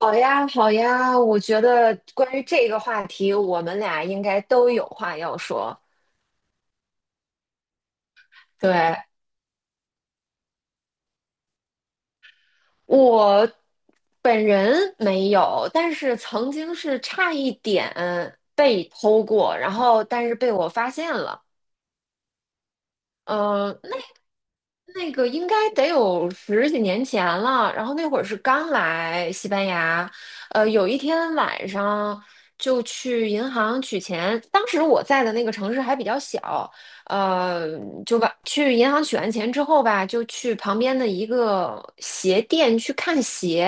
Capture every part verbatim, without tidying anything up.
好呀，好呀，我觉得关于这个话题，我们俩应该都有话要说。对，我本人没有，但是曾经是差一点被偷过，然后但是被我发现了。嗯、那个应该得有十几年前了，然后那会儿是刚来西班牙，呃，有一天晚上就去银行取钱，当时我在的那个城市还比较小，呃，就把去银行取完钱之后吧，就去旁边的一个鞋店去看鞋，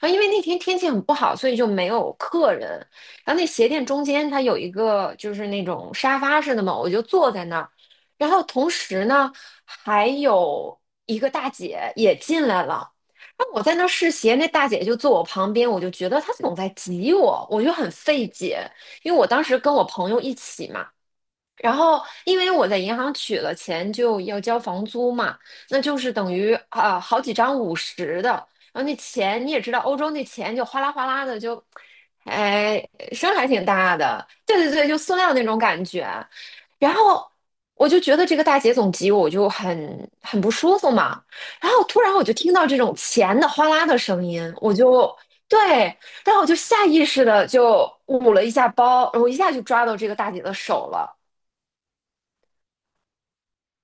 然后因为那天天气很不好，所以就没有客人，然后那鞋店中间它有一个就是那种沙发似的嘛，我就坐在那儿。然后同时呢，还有一个大姐也进来了。然后我在那试鞋，那大姐就坐我旁边，我就觉得她总在挤我，我就很费解，因为我当时跟我朋友一起嘛，然后，因为我在银行取了钱，就要交房租嘛，那就是等于啊、好几张五十的，然后那钱你也知道，欧洲那钱就哗啦哗啦的就，哎，声还挺大的，对对对，就塑料那种感觉。然后我就觉得这个大姐总急，我就很很不舒服嘛。然后突然我就听到这种钱的哗啦的声音，我就对，然后我就下意识的就捂了一下包，我一下就抓到这个大姐的手了。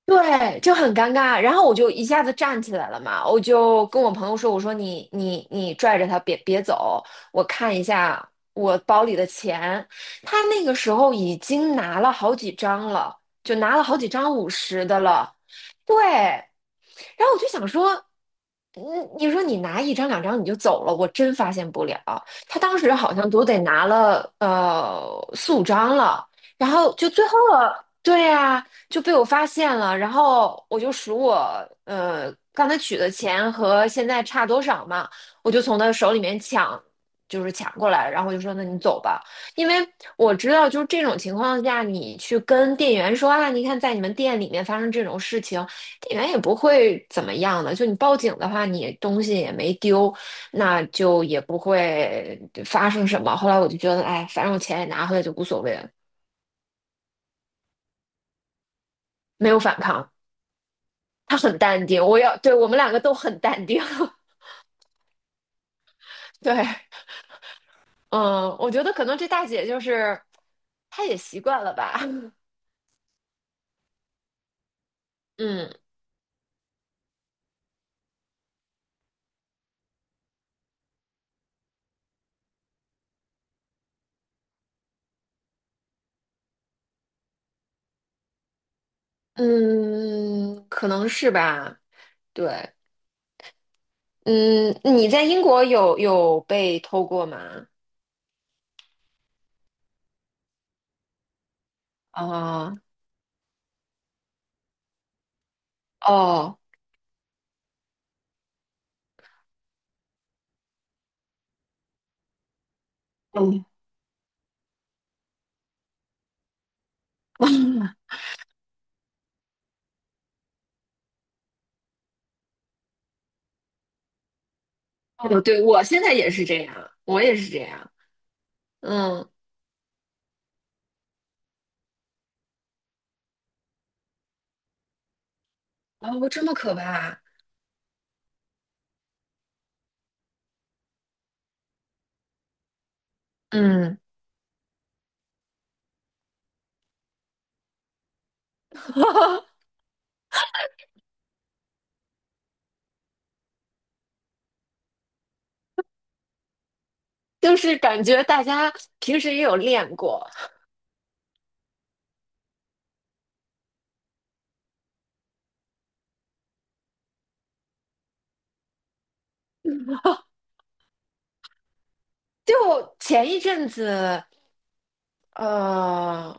对，就很尴尬。然后我就一下子站起来了嘛，我就跟我朋友说：“我说你你你拽着他别别走，我看一下我包里的钱。”他那个时候已经拿了好几张了，就拿了好几张五十的了。对，然后我就想说，嗯，你说你拿一张两张你就走了，我真发现不了。他当时好像都得拿了呃四五张了，然后就最后了，对呀、就被我发现了，然后我就数我呃刚才取的钱和现在差多少嘛，我就从他手里面抢，就是抢过来，然后我就说那你走吧，因为我知道就是这种情况下，你去跟店员说啊，你看在你们店里面发生这种事情，店员也不会怎么样的，就你报警的话，你东西也没丢，那就也不会发生什么。后来我就觉得，哎，反正我钱也拿回来就无所谓了，没有反抗。他很淡定，我要，对，我们两个都很淡定。对，嗯，我觉得可能这大姐就是她也习惯了吧。嗯嗯，可能是吧。对，嗯，你在英国有有被偷过吗？啊、哦，嗯，哦，对，我现在也是这样，我也是这样。嗯，哦，这么可怕。嗯，就是感觉大家平时也有练过，就前一阵子，呃，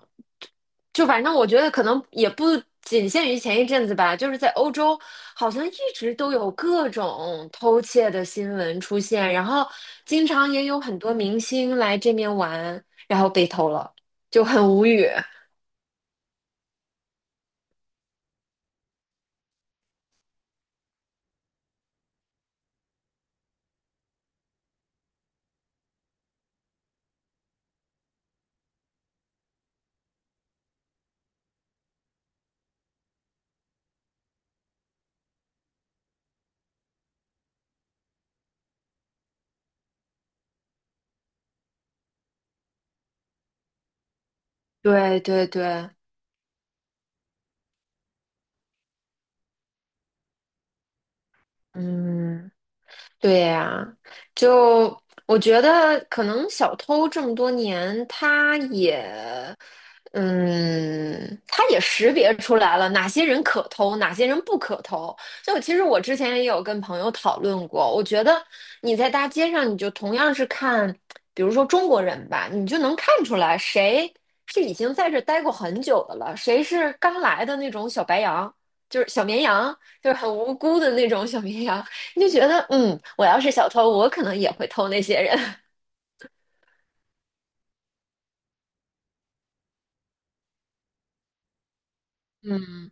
就反正我觉得可能也不仅限于前一阵子吧，就是在欧洲，好像一直都有各种偷窃的新闻出现，然后经常也有很多明星来这边玩，然后被偷了，就很无语。对对对，嗯。对呀，就我觉得可能小偷这么多年，他也，嗯，他也识别出来了哪些人可偷，哪些人不可偷。就其实我之前也有跟朋友讨论过，我觉得你在大街上，你就同样是看，比如说中国人吧，你就能看出来谁是已经在这待过很久的了，谁是刚来的那种小白羊，就是小绵羊。就是很无辜的那种小绵羊，你就觉得，嗯，我要是小偷，我可能也会偷那些人。嗯，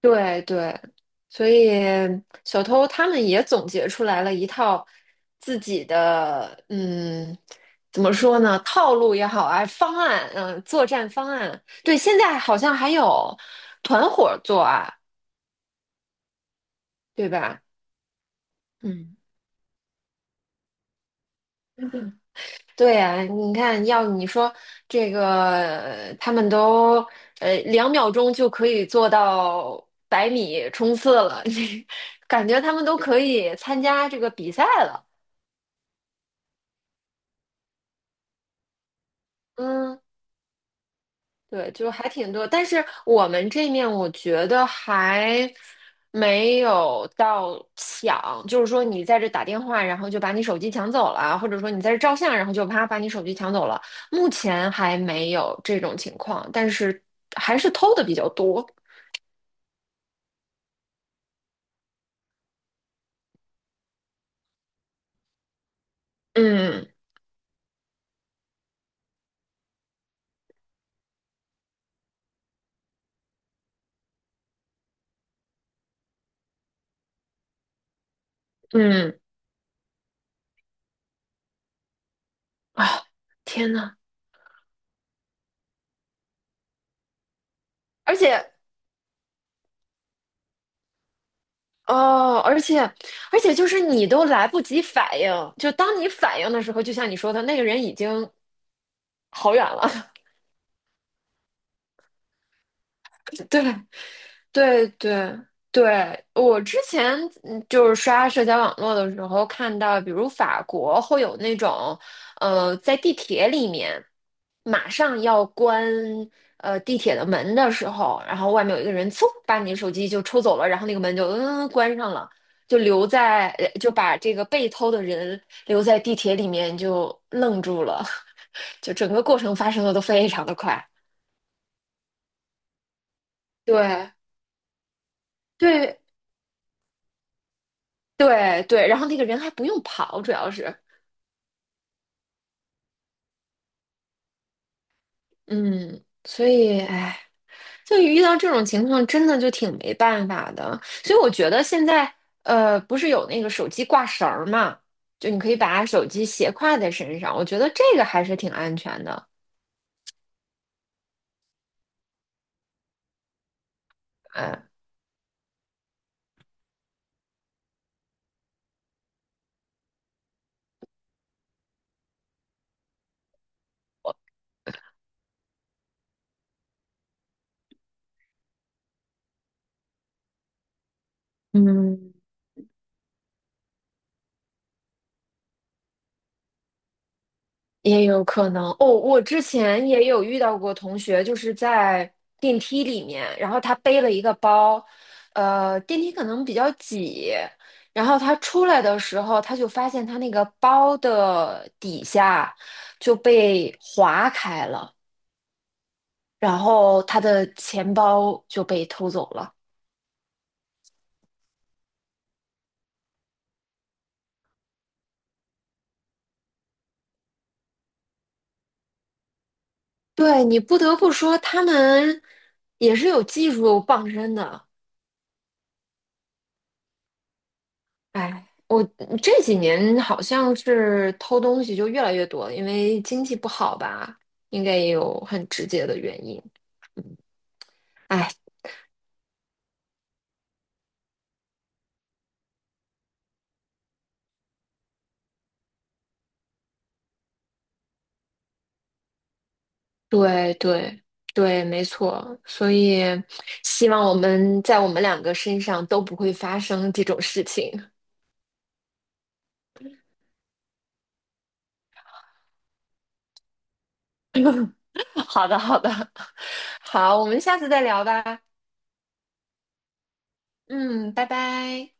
对对，所以小偷他们也总结出来了一套自己的，嗯，怎么说呢？套路也好啊，方案，嗯，作战方案。对，现在好像还有团伙作案，对吧？嗯，对呀，你看，要你说这个，呃他们都呃两秒钟就可以做到百米冲刺了，感觉他们都可以参加这个比赛了。嗯，对，就还挺多，但是我们这面我觉得还没有到抢，就是说你在这打电话，然后就把你手机抢走了，或者说你在这照相，然后就啪把你手机抢走了，目前还没有这种情况，但是还是偷的比较多。嗯嗯啊，天呐，而且哦，而且而且就是你都来不及反应，就当你反应的时候，就像你说的，那个人已经好远了，对。对对对，我之前嗯就是刷社交网络的时候看到，比如法国会有那种，呃，在地铁里面马上要关呃地铁的门的时候，然后外面有一个人嗖把你手机就抽走了，然后那个门就嗯关上了，就留在呃就把这个被偷的人留在地铁里面就愣住了，就整个过程发生的都非常的快，对。对，对对，然后那个人还不用跑，主要是，嗯，所以，哎，就遇到这种情况，真的就挺没办法的。所以我觉得现在，呃，不是有那个手机挂绳儿嘛，就你可以把手机斜挎在身上，我觉得这个还是挺安全的。哎，嗯。也有可能哦，我之前也有遇到过同学，就是在电梯里面，然后他背了一个包，呃，电梯可能比较挤，然后他出来的时候，他就发现他那个包的底下就被划开了，然后他的钱包就被偷走了。对，你不得不说，他们也是有技术傍身的。哎，我这几年好像是偷东西就越来越多了因为经济不好吧，应该也有很直接的原因。哎，对对对，没错，所以希望我们在我们两个身上都不会发生这种事情。好的，好的，好，我们下次再聊吧。嗯，拜拜。